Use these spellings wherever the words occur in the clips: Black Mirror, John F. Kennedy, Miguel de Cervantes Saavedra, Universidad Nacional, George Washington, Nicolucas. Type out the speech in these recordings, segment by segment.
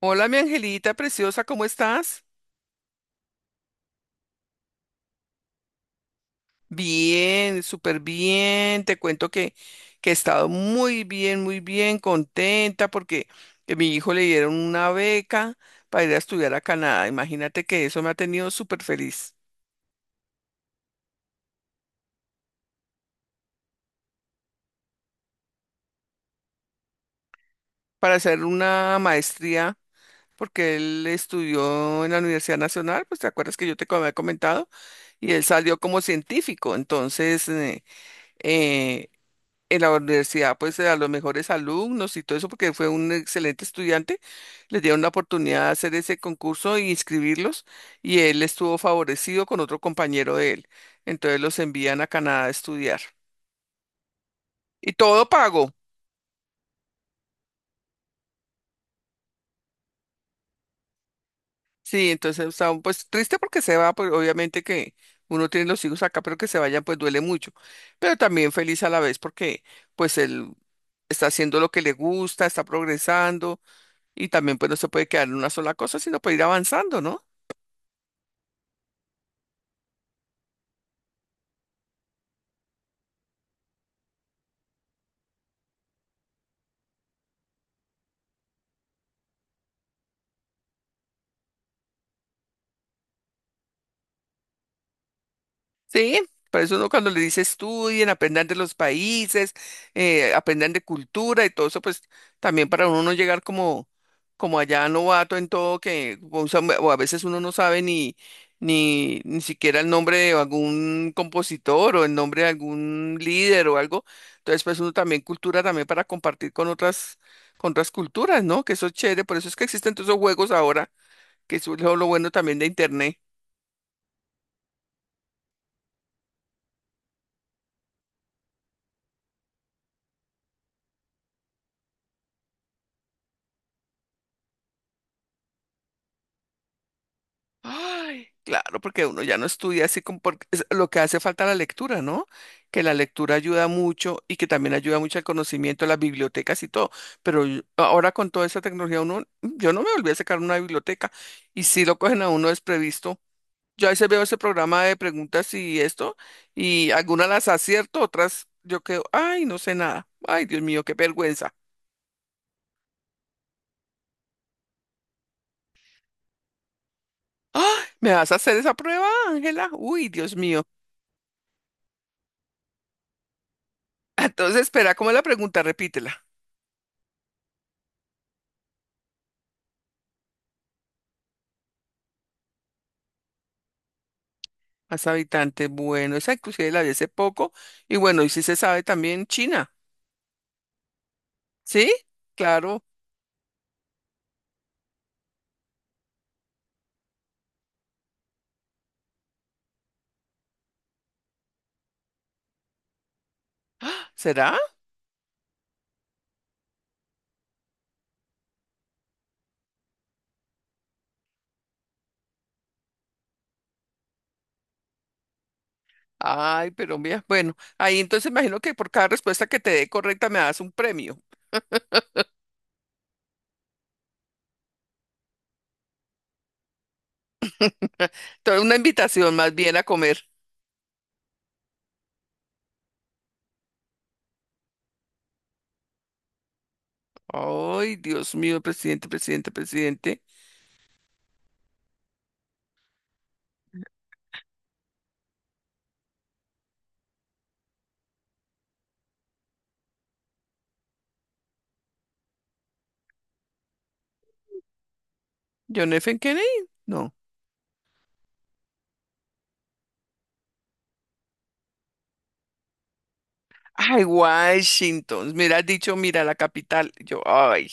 Hola, mi angelita preciosa, ¿cómo estás? Bien, súper bien. Te cuento que he estado muy bien, contenta porque a mi hijo le dieron una beca para ir a estudiar a Canadá. Imagínate que eso me ha tenido súper feliz para hacer una maestría porque él estudió en la Universidad Nacional, pues te acuerdas que yo había comentado, y él salió como científico. Entonces, eh, en la universidad, pues a los mejores alumnos y todo eso, porque fue un excelente estudiante, les dieron la oportunidad de hacer ese concurso y inscribirlos, y él estuvo favorecido con otro compañero de él. Entonces los envían a Canadá a estudiar. Y todo pago. Sí, entonces pues triste porque se va, pues obviamente que uno tiene los hijos acá, pero que se vayan, pues duele mucho. Pero también feliz a la vez porque pues él está haciendo lo que le gusta, está progresando y también pues no se puede quedar en una sola cosa, sino puede ir avanzando, ¿no? Sí, por eso uno cuando le dice estudien, aprendan de los países, aprendan de cultura y todo eso, pues también para uno no llegar como, como allá novato en todo, que o sea, o a veces uno no sabe ni siquiera el nombre de algún compositor o el nombre de algún líder o algo. Entonces, pues uno también cultura también para compartir con otras culturas, ¿no? Que eso es chévere, por eso es que existen todos esos juegos ahora, que eso es lo bueno también de internet. Ay, claro, porque uno ya no estudia así como porque es lo que hace falta la lectura, ¿no? Que la lectura ayuda mucho y que también ayuda mucho al conocimiento, las bibliotecas y todo. Ahora con toda esa tecnología, uno, yo no me volví a sacar una biblioteca y si lo cogen a uno desprevisto. Yo a veces veo ese programa de preguntas y esto, y algunas las acierto, otras yo quedo, ay, no sé nada. Ay, Dios mío, qué vergüenza. Ay, ¿me vas a hacer esa prueba, Ángela? Uy, Dios mío. Entonces, espera, ¿cómo es la pregunta? Repítela. Más habitantes. Bueno, esa inclusive la vi hace poco. Y bueno, y si se sabe también China. ¿Sí? Claro. ¡Ah! ¿Será? Ay, pero mira, bueno, ahí entonces imagino que por cada respuesta que te dé correcta me das un premio. Toda una invitación más bien a comer. Ay, Dios mío, presidente, presidente, presidente. John F. Kennedy. No. Ay, Washington. Mira, has dicho, mira, la capital. Yo, ay.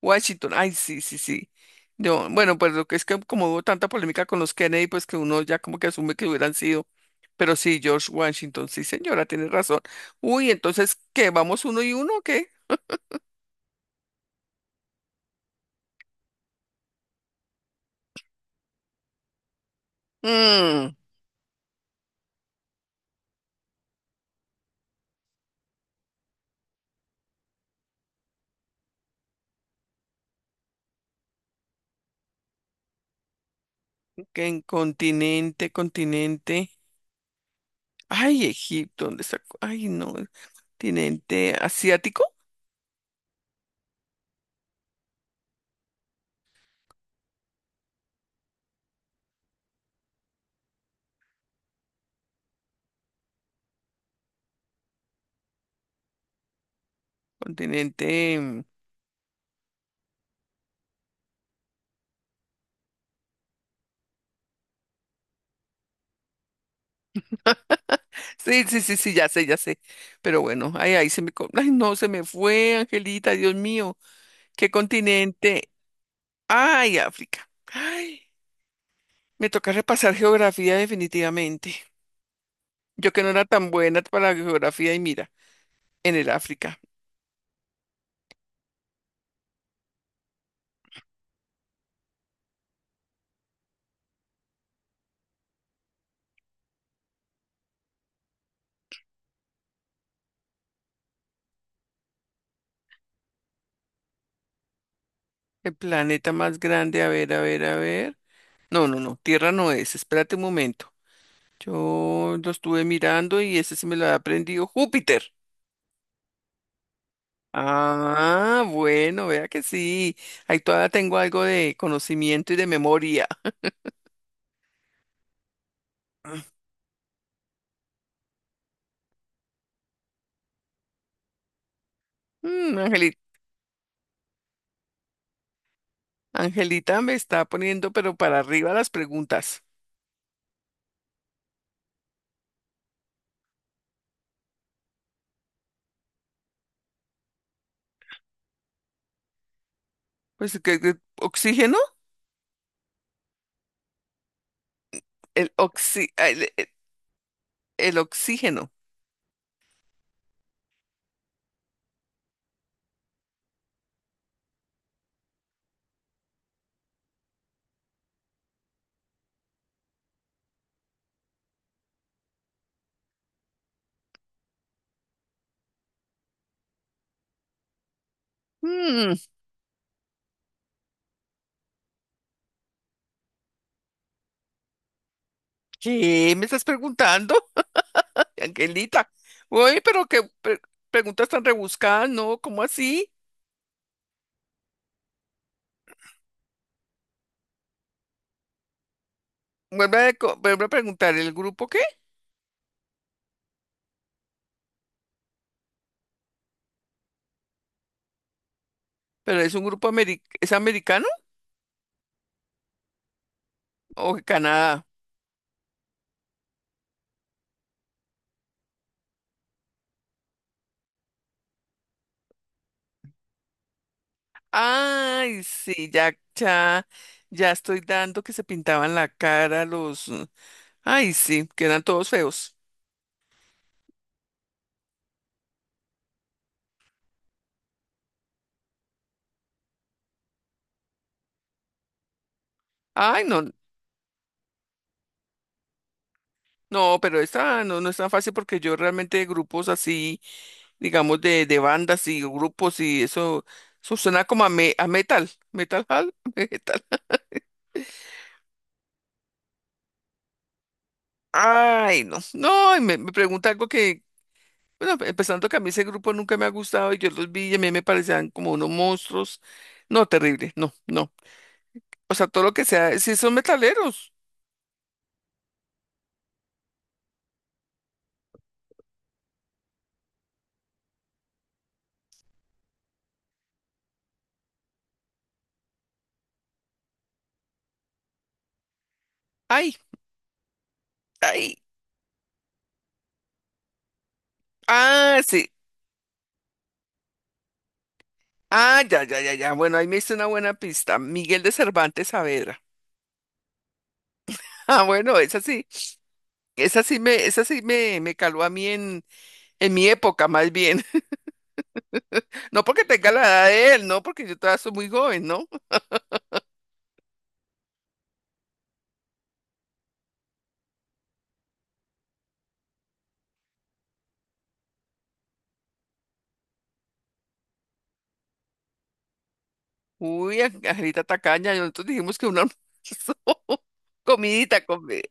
Washington, ay, sí, sí, sí. Yo, bueno, pues lo que es que como hubo tanta polémica con los Kennedy, pues que uno ya como que asume que hubieran sido. Pero sí, George Washington, sí, señora, tiene razón. Uy, entonces, ¿qué? ¿Vamos uno y uno o qué? Mm, que en continente, continente. Ay, Egipto, ¿dónde está? Ay, no, continente asiático, continente. Sí, sí, sí, sí, ya sé, ya sé. Pero bueno, ay, ahí se me. Co- Ay, no, se me fue, Angelita, Dios mío. ¿Qué continente? Ay, África. Ay, me toca repasar geografía definitivamente. Yo que no era tan buena para la geografía y mira, en el África, el planeta más grande, a ver, a ver, a ver. No, no, no, Tierra no es, espérate un momento. Yo lo estuve mirando y ese sí me lo ha aprendido Júpiter. Ah, bueno, vea que sí. Ahí todavía tengo algo de conocimiento y de memoria. Mm, Angelita, Angelita me está poniendo pero para arriba las preguntas. Pues, ¿oxígeno? El, oxi- ah, el oxígeno. Mm, ¿qué me estás preguntando, Angelita? Uy, pero qué preguntas tan rebuscadas, ¿no? ¿Cómo así? Vuelve a preguntar, ¿el grupo qué? ¿Pero es americano o de Canadá? Ay, sí, ya estoy dando que se pintaban la cara los... Ay, sí, que eran todos feos. Ay, no, No, pero esta no, no es tan fácil porque yo realmente grupos así, digamos, de bandas y grupos y eso suena como a metal, metal, hall, metal. Ay, no, no, y me pregunta algo que, bueno, empezando que a mí ese grupo nunca me ha gustado y yo los vi y a mí me parecían como unos monstruos. No, terrible, no, no. O sea, todo lo que sea, si son metaleros. Ay, ay, ah, sí. Ah, ya, ya, ya, ya. Bueno, ahí me hizo una buena pista. Miguel de Cervantes Saavedra. Ah, bueno, es así. Esa sí me caló a mí en mi época, más bien. No porque tenga la edad de él, no, porque yo todavía soy muy joven, ¿no? Uy, Angelita Tacaña, y nosotros dijimos que un almuerzo, comidita, comidita.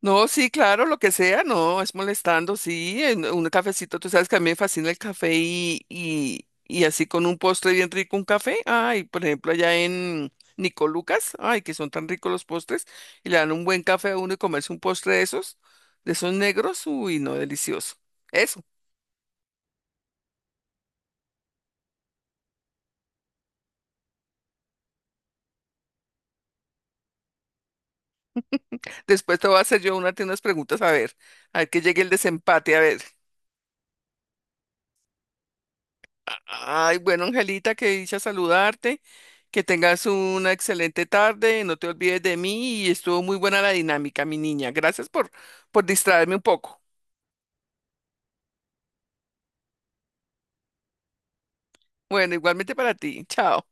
No, sí, claro, lo que sea, no, es molestando, sí, en un cafecito, tú sabes que a mí me fascina el café y así con un postre bien rico, un café, ay, por ejemplo, allá en Nicolucas, ay, que son tan ricos los postres, y le dan un buen café a uno y comerse un postre de esos negros, uy, no, delicioso. Eso, después te voy a hacer yo unas preguntas, a ver que llegue el desempate, a ver. Ay, bueno, Angelita, que dicha saludarte, que tengas una excelente tarde, no te olvides de mí y estuvo muy buena la dinámica, mi niña. Gracias por distraerme un poco. Bueno, igualmente para ti. Chao.